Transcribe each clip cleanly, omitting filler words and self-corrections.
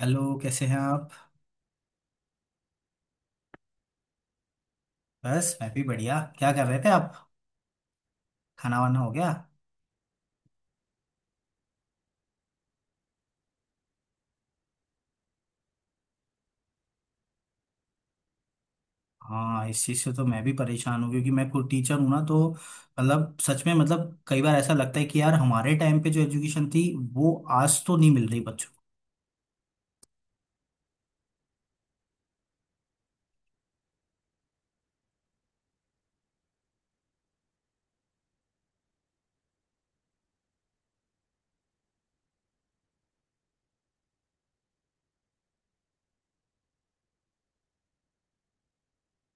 Hello, कैसे हैं आप। बस मैं भी बढ़िया, क्या कर रहे थे आप? खाना वाना हो गया? हाँ, इस चीज़ से तो मैं भी परेशान हूँ क्योंकि मैं खुद टीचर हूँ ना, तो मतलब सच में, मतलब कई बार ऐसा लगता है कि यार हमारे टाइम पे जो एजुकेशन थी वो आज तो नहीं मिल रही बच्चों को।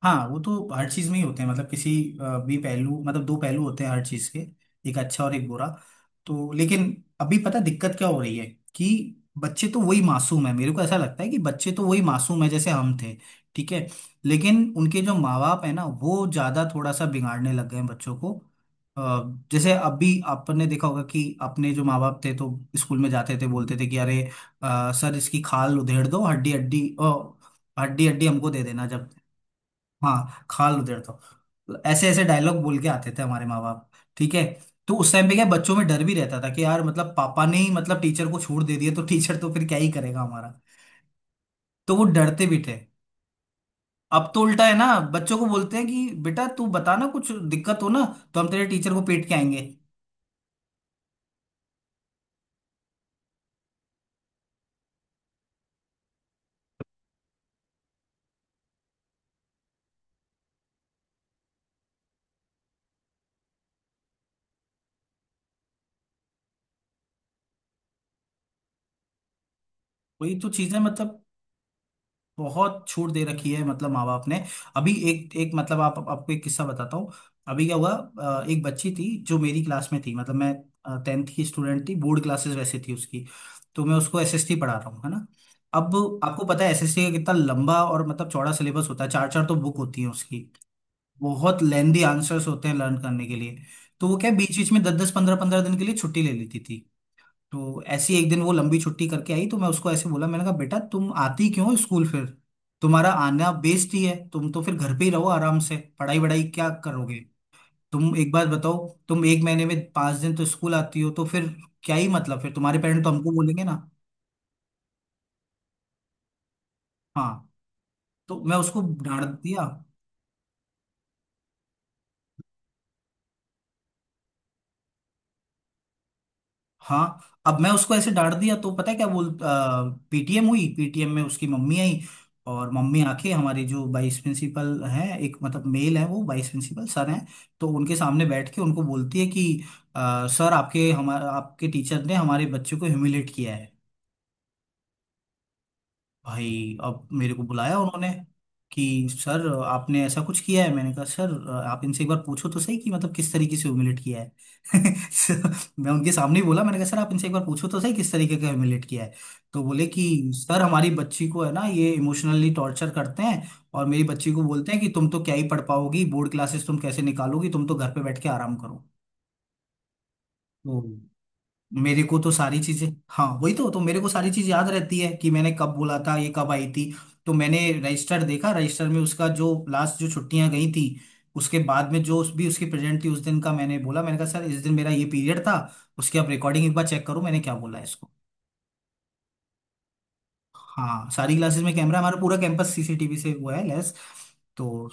हाँ वो तो हर चीज़ में ही होते हैं, मतलब किसी भी पहलू, मतलब दो पहलू होते हैं हर चीज़ के, एक अच्छा और एक बुरा। तो लेकिन अभी पता है दिक्कत क्या हो रही है कि बच्चे तो वही मासूम है, मेरे को ऐसा लगता है कि बच्चे तो वही मासूम है जैसे हम थे। ठीक है। लेकिन उनके जो माँ बाप है ना वो ज्यादा थोड़ा सा बिगाड़ने लग गए हैं बच्चों को। अ, जैसे अभी आपने देखा होगा कि अपने जो माँ बाप थे तो स्कूल में जाते थे, बोलते थे कि अरे सर इसकी खाल उधेड़ दो, हड्डी हड्डी हड्डी हड्डी हमको दे देना जब। हाँ खाल उधेड़ दो। तो ऐसे ऐसे डायलॉग बोल के आते थे हमारे माँ बाप। ठीक है। तो उस टाइम पे क्या बच्चों में डर भी रहता था कि यार, मतलब पापा ने ही, मतलब टीचर को छोड़ दे दिया तो टीचर तो फिर क्या ही करेगा हमारा। तो वो डरते भी थे। अब तो उल्टा है ना। बच्चों को बोलते हैं कि बेटा तू बता ना, कुछ दिक्कत हो ना तो हम तेरे टीचर को पीट के आएंगे। वही तो चीजें, मतलब बहुत छूट दे रखी है, मतलब माँ बाप ने। अभी एक एक, मतलब आप आपको एक किस्सा बताता हूँ। अभी क्या हुआ, एक बच्ची थी जो मेरी क्लास में थी, मतलब मैं टेंथ की स्टूडेंट थी, बोर्ड क्लासेस वैसे थी उसकी। तो मैं उसको एसएसटी पढ़ा रहा हूँ है ना। अब आपको पता है एसएसटी का कितना लंबा और मतलब चौड़ा सिलेबस होता है, चार चार तो बुक होती है उसकी। बहुत लेंदी आंसर्स होते हैं लर्न करने के लिए। तो वो क्या, बीच बीच में दस दस पंद्रह पंद्रह दिन के लिए छुट्टी ले लेती थी। तो ऐसी एक दिन वो लंबी छुट्टी करके आई तो मैं उसको ऐसे बोला, मैंने कहा बेटा तुम आती क्यों हो स्कूल फिर, तुम्हारा आना बेइज्जती है, तुम तो फिर घर पे ही रहो आराम से, पढ़ाई वढ़ाई क्या करोगे। तुम एक बात बताओ, तुम एक महीने में 5 दिन तो स्कूल आती हो, तो फिर क्या ही, मतलब फिर तुम्हारे पेरेंट्स तो हमको बोलेंगे ना। हाँ, तो मैं उसको डांट दिया। हाँ अब मैं उसको ऐसे डांट दिया तो पता है क्या बोल, पीटीएम हुई, पीटीएम में उसकी मम्मी आई। और मम्मी आके हमारे जो वाइस प्रिंसिपल हैं, एक मतलब मेल है, वो वाइस प्रिंसिपल सर हैं, तो उनके सामने बैठ के उनको बोलती है कि सर आपके, हमारे आपके टीचर ने हमारे बच्चे को ह्यूमिलेट किया है। भाई अब मेरे को बुलाया उन्होंने कि सर आपने ऐसा कुछ किया है, मैंने कहा सर आप इनसे एक बार पूछो तो सही कि मतलब किस तरीके से ह्यूमिलेट किया है। So, मैं उनके सामने ही बोला, मैंने कहा सर आप इनसे एक बार पूछो तो सही किस तरीके का ह्यूमिलेट किया है। तो बोले कि सर हमारी बच्ची को है ना, ये इमोशनली टॉर्चर करते हैं और मेरी बच्ची को बोलते हैं कि तुम तो क्या ही पढ़ पाओगी, बोर्ड क्लासेस तुम कैसे निकालोगी, तुम तो घर पे बैठ के आराम करो। मेरे को तो सारी चीजें, हाँ वही तो मेरे को सारी चीज याद रहती है कि मैंने कब बोला था, ये कब आई थी। तो मैंने रजिस्टर देखा, रजिस्टर में उसका जो लास्ट जो छुट्टियां गई थी उसके बाद में जो, उस भी उसकी प्रेजेंट थी उस दिन का, मैंने बोला, मैंने कहा सर इस दिन मेरा ये पीरियड था, उसकी आप रिकॉर्डिंग एक बार चेक करो मैंने क्या बोला है। हाँ सारी क्लासेस में कैमरा, हमारा पूरा कैंपस सीसीटीवी से हुआ है लेस। तो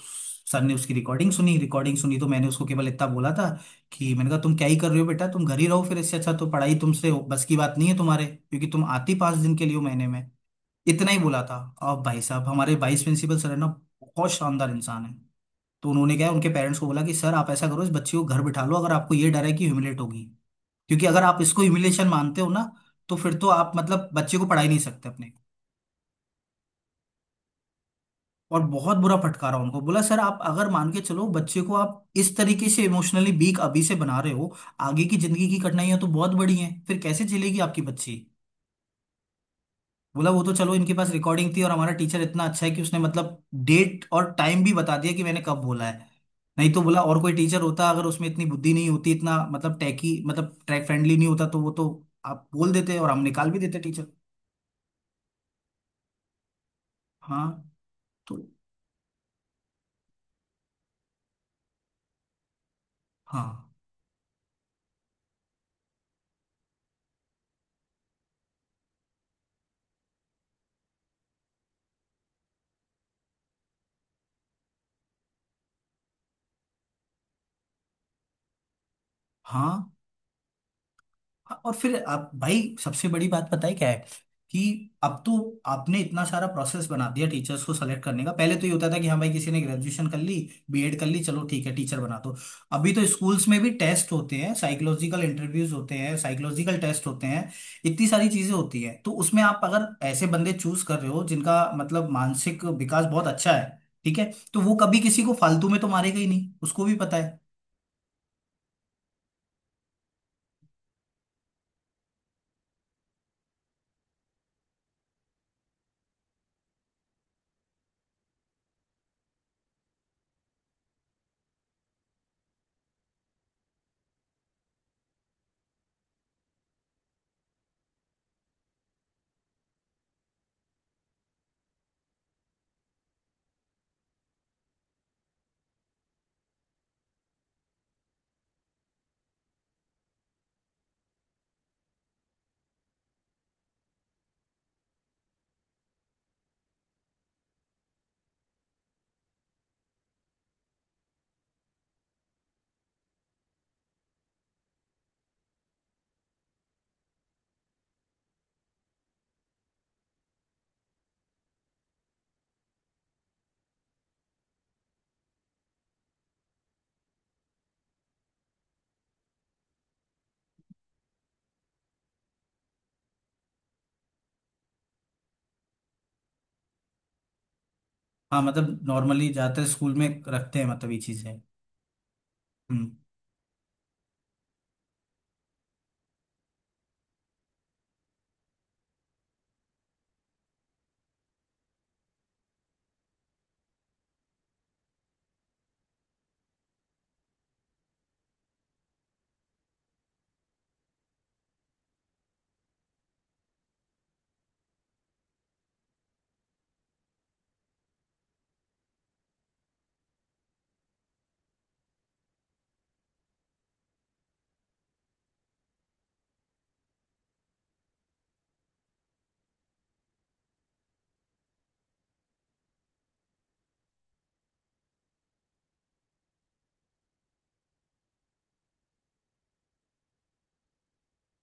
सर ने उसकी रिकॉर्डिंग सुनी, रिकॉर्डिंग सुनी तो मैंने उसको केवल इतना बोला था कि मैंने कहा तुम क्या ही कर रहे हो बेटा, तुम घर ही रहो फिर, इससे अच्छा तो पढ़ाई तुमसे बस की बात नहीं है तुम्हारे, क्योंकि तुम आती 5 दिन के लिए हो महीने में। इतना ही बोला था। अब भाई साहब हमारे वाइस प्रिंसिपल सर है ना, बहुत शानदार इंसान है, तो उन्होंने क्या है, उनके पेरेंट्स को बोला कि सर आप ऐसा करो, इस बच्ची को घर बिठा लो अगर आपको ये डर है कि ह्यूमिलेट होगी, क्योंकि अगर आप इसको ह्यूमिलेशन मानते हो ना तो फिर तो आप मतलब बच्चे को पढ़ा ही नहीं सकते अपने। और बहुत बुरा फटकारा उनको, बोला सर आप अगर मान के चलो, बच्चे को आप इस तरीके से इमोशनली वीक अभी से बना रहे हो, आगे की जिंदगी की कठिनाइयां तो बहुत बड़ी हैं, फिर कैसे चलेगी आपकी बच्ची। बोला वो तो चलो, इनके पास रिकॉर्डिंग थी और हमारा टीचर इतना अच्छा है कि उसने मतलब डेट और टाइम भी बता दिया कि मैंने कब बोला है। नहीं तो बोला और कोई टीचर होता, अगर उसमें इतनी बुद्धि नहीं होती, इतना मतलब टैकी, मतलब ट्रैक फ्रेंडली नहीं होता तो वो तो आप बोल देते और हम निकाल भी देते टीचर। हाँ, तो हाँ हाँ हाँ, और फिर आप भाई सबसे बड़ी बात पता है क्या है कि अब तो आपने इतना सारा प्रोसेस बना दिया टीचर्स को सेलेक्ट करने का, पहले तो ये होता था कि हाँ भाई किसी ने ग्रेजुएशन कर ली, बीएड कर ली, चलो ठीक है टीचर बना दो। अभी तो स्कूल्स में भी टेस्ट होते हैं, साइकोलॉजिकल इंटरव्यूज होते हैं, साइकोलॉजिकल टेस्ट होते हैं, इतनी सारी चीजें होती हैं, तो उसमें आप अगर ऐसे बंदे चूज कर रहे हो जिनका मतलब मानसिक विकास बहुत अच्छा है, ठीक है, तो वो कभी किसी को फालतू में तो मारेगा ही नहीं, उसको भी पता है। हाँ, मतलब नॉर्मली जाते स्कूल में रखते हैं मतलब ये चीजें। हम्म।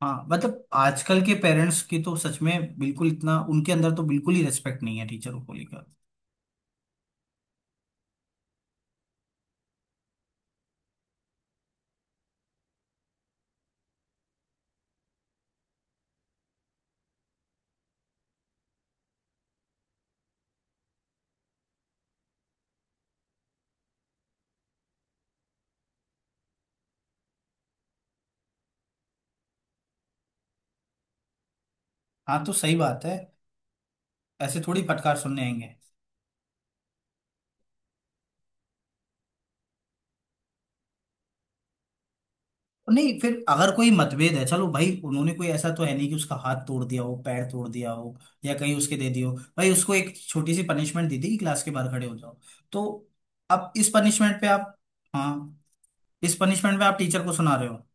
हाँ, मतलब आजकल के पेरेंट्स की तो सच में बिल्कुल इतना उनके अंदर तो बिल्कुल ही रेस्पेक्ट नहीं है टीचरों को लेकर। हाँ तो सही बात है, ऐसे थोड़ी फटकार सुनने आएंगे। नहीं, फिर अगर कोई मतभेद है, चलो भाई, उन्होंने कोई ऐसा तो है नहीं कि उसका हाथ तोड़ दिया हो, पैर तोड़ दिया हो या कहीं उसके दे दियो, भाई उसको एक छोटी सी पनिशमेंट दी थी कि क्लास के बाहर खड़े हो जाओ। तो अब इस पनिशमेंट पे आप, हाँ, इस पनिशमेंट पे आप टीचर को सुना रहे हो।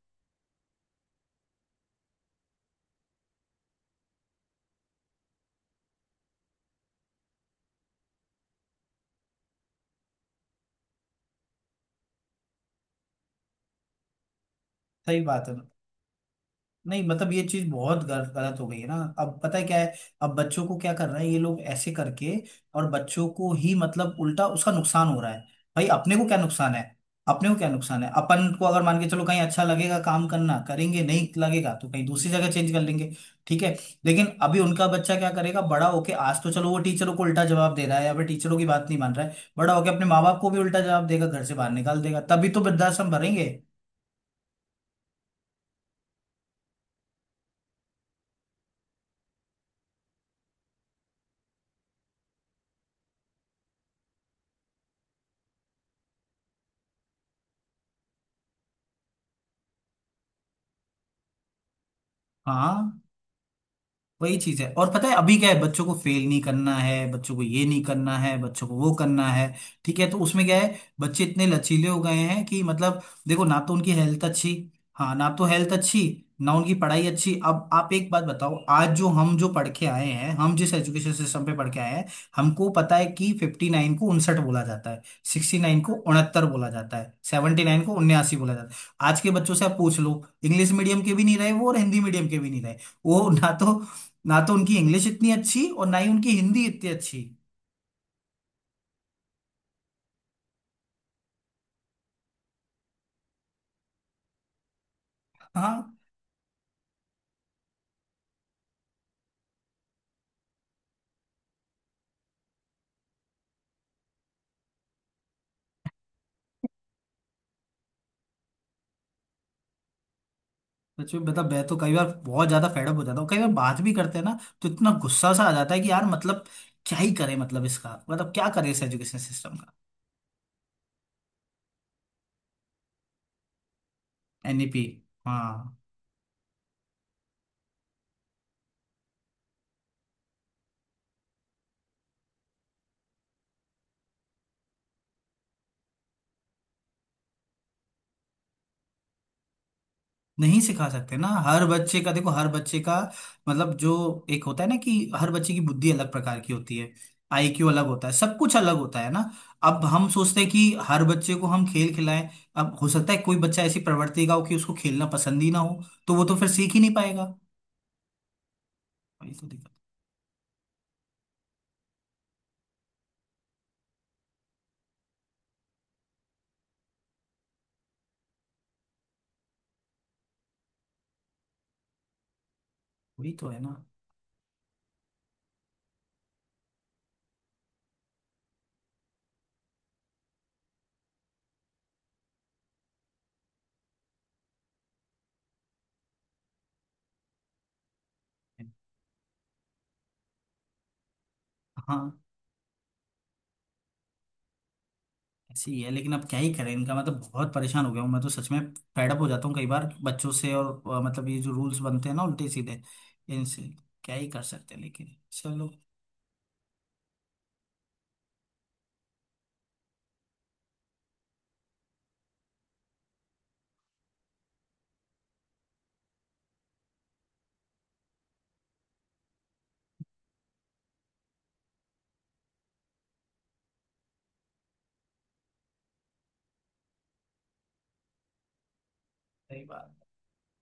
सही बात है। नहीं मतलब ये चीज बहुत गलत हो गई है ना, अब पता है क्या है, अब बच्चों को क्या कर रहे हैं ये लोग ऐसे करके, और बच्चों को ही मतलब उल्टा उसका नुकसान हो रहा है। भाई अपने को क्या नुकसान है, अपने को क्या नुकसान है। अपन को अगर मान के चलो, कहीं अच्छा लगेगा काम करना करेंगे, नहीं लगेगा तो कहीं दूसरी जगह चेंज कर लेंगे। ठीक है। लेकिन अभी उनका बच्चा क्या करेगा बड़ा होके? आज तो चलो वो टीचरों को उल्टा जवाब दे रहा है या फिर टीचरों की बात नहीं मान रहा है, बड़ा होके अपने माँ बाप को भी उल्टा जवाब देगा, घर से बाहर निकाल देगा, तभी तो वृद्धाश्रम भरेंगे। हाँ वही चीज है। और पता है अभी क्या है, बच्चों को फेल नहीं करना है, बच्चों को ये नहीं करना है, बच्चों को वो करना है, ठीक है तो उसमें क्या है, बच्चे इतने लचीले हो गए हैं कि मतलब देखो, ना तो उनकी हेल्थ अच्छी, हाँ ना तो हेल्थ अच्छी, ना उनकी पढ़ाई अच्छी। अब आप एक बात बताओ, आज जो हम जो पढ़ के आए हैं, हम जिस एजुकेशन सिस्टम पे पढ़ के आए हैं, हमको पता है कि 59 को 59 बोला जाता है, 69 को 69 बोला जाता है, 79 को 79 बोला जाता है, आज के बच्चों से आप पूछ लो, इंग्लिश मीडियम के भी नहीं रहे वो और हिंदी मीडियम के भी नहीं रहे वो। ना तो, ना तो उनकी इंग्लिश इतनी अच्छी और ना ही उनकी हिंदी इतनी अच्छी। हाँ सच में बता, मैं तो कई बार बहुत ज्यादा फेडअप हो जाता हूँ, कई बार बात भी करते हैं ना तो इतना गुस्सा सा आ जाता है कि यार, मतलब क्या ही करें, मतलब इसका मतलब क्या करें इस एजुकेशन सिस्टम का। एनईपी। हाँ नहीं सिखा सकते ना, हर बच्चे का देखो, हर बच्चे का मतलब जो, एक होता है ना कि हर बच्चे की बुद्धि अलग प्रकार की होती है, आईक्यू अलग होता है, सब कुछ अलग होता है ना। अब हम सोचते हैं कि हर बच्चे को हम खेल खिलाएं, अब हो सकता है कोई बच्चा ऐसी प्रवृत्ति का हो कि उसको खेलना पसंद ही ना हो, तो वो तो फिर सीख ही नहीं पाएगा। वही तो दिक्कत। वही तो है ना। हाँ ऐसे ही है लेकिन अब क्या ही करें इनका, मतलब बहुत परेशान हो गया हूँ मैं तो सच में। फेडअप हो जाता हूँ कई बार बच्चों से और मतलब ये जो रूल्स बनते हैं ना, उल्टे सीधे इनसे क्या ही कर सकते हैं, लेकिन चलो। सही बात।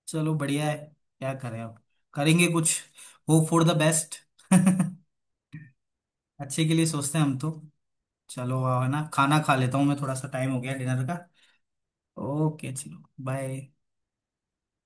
चलो बढ़िया है। क्या करें अब, करेंगे कुछ, होप फॉर द बेस्ट। अच्छे के लिए सोचते हैं हम तो। चलो है ना, खाना खा लेता हूँ मैं, थोड़ा सा टाइम हो गया डिनर का। ओके चलो बाय।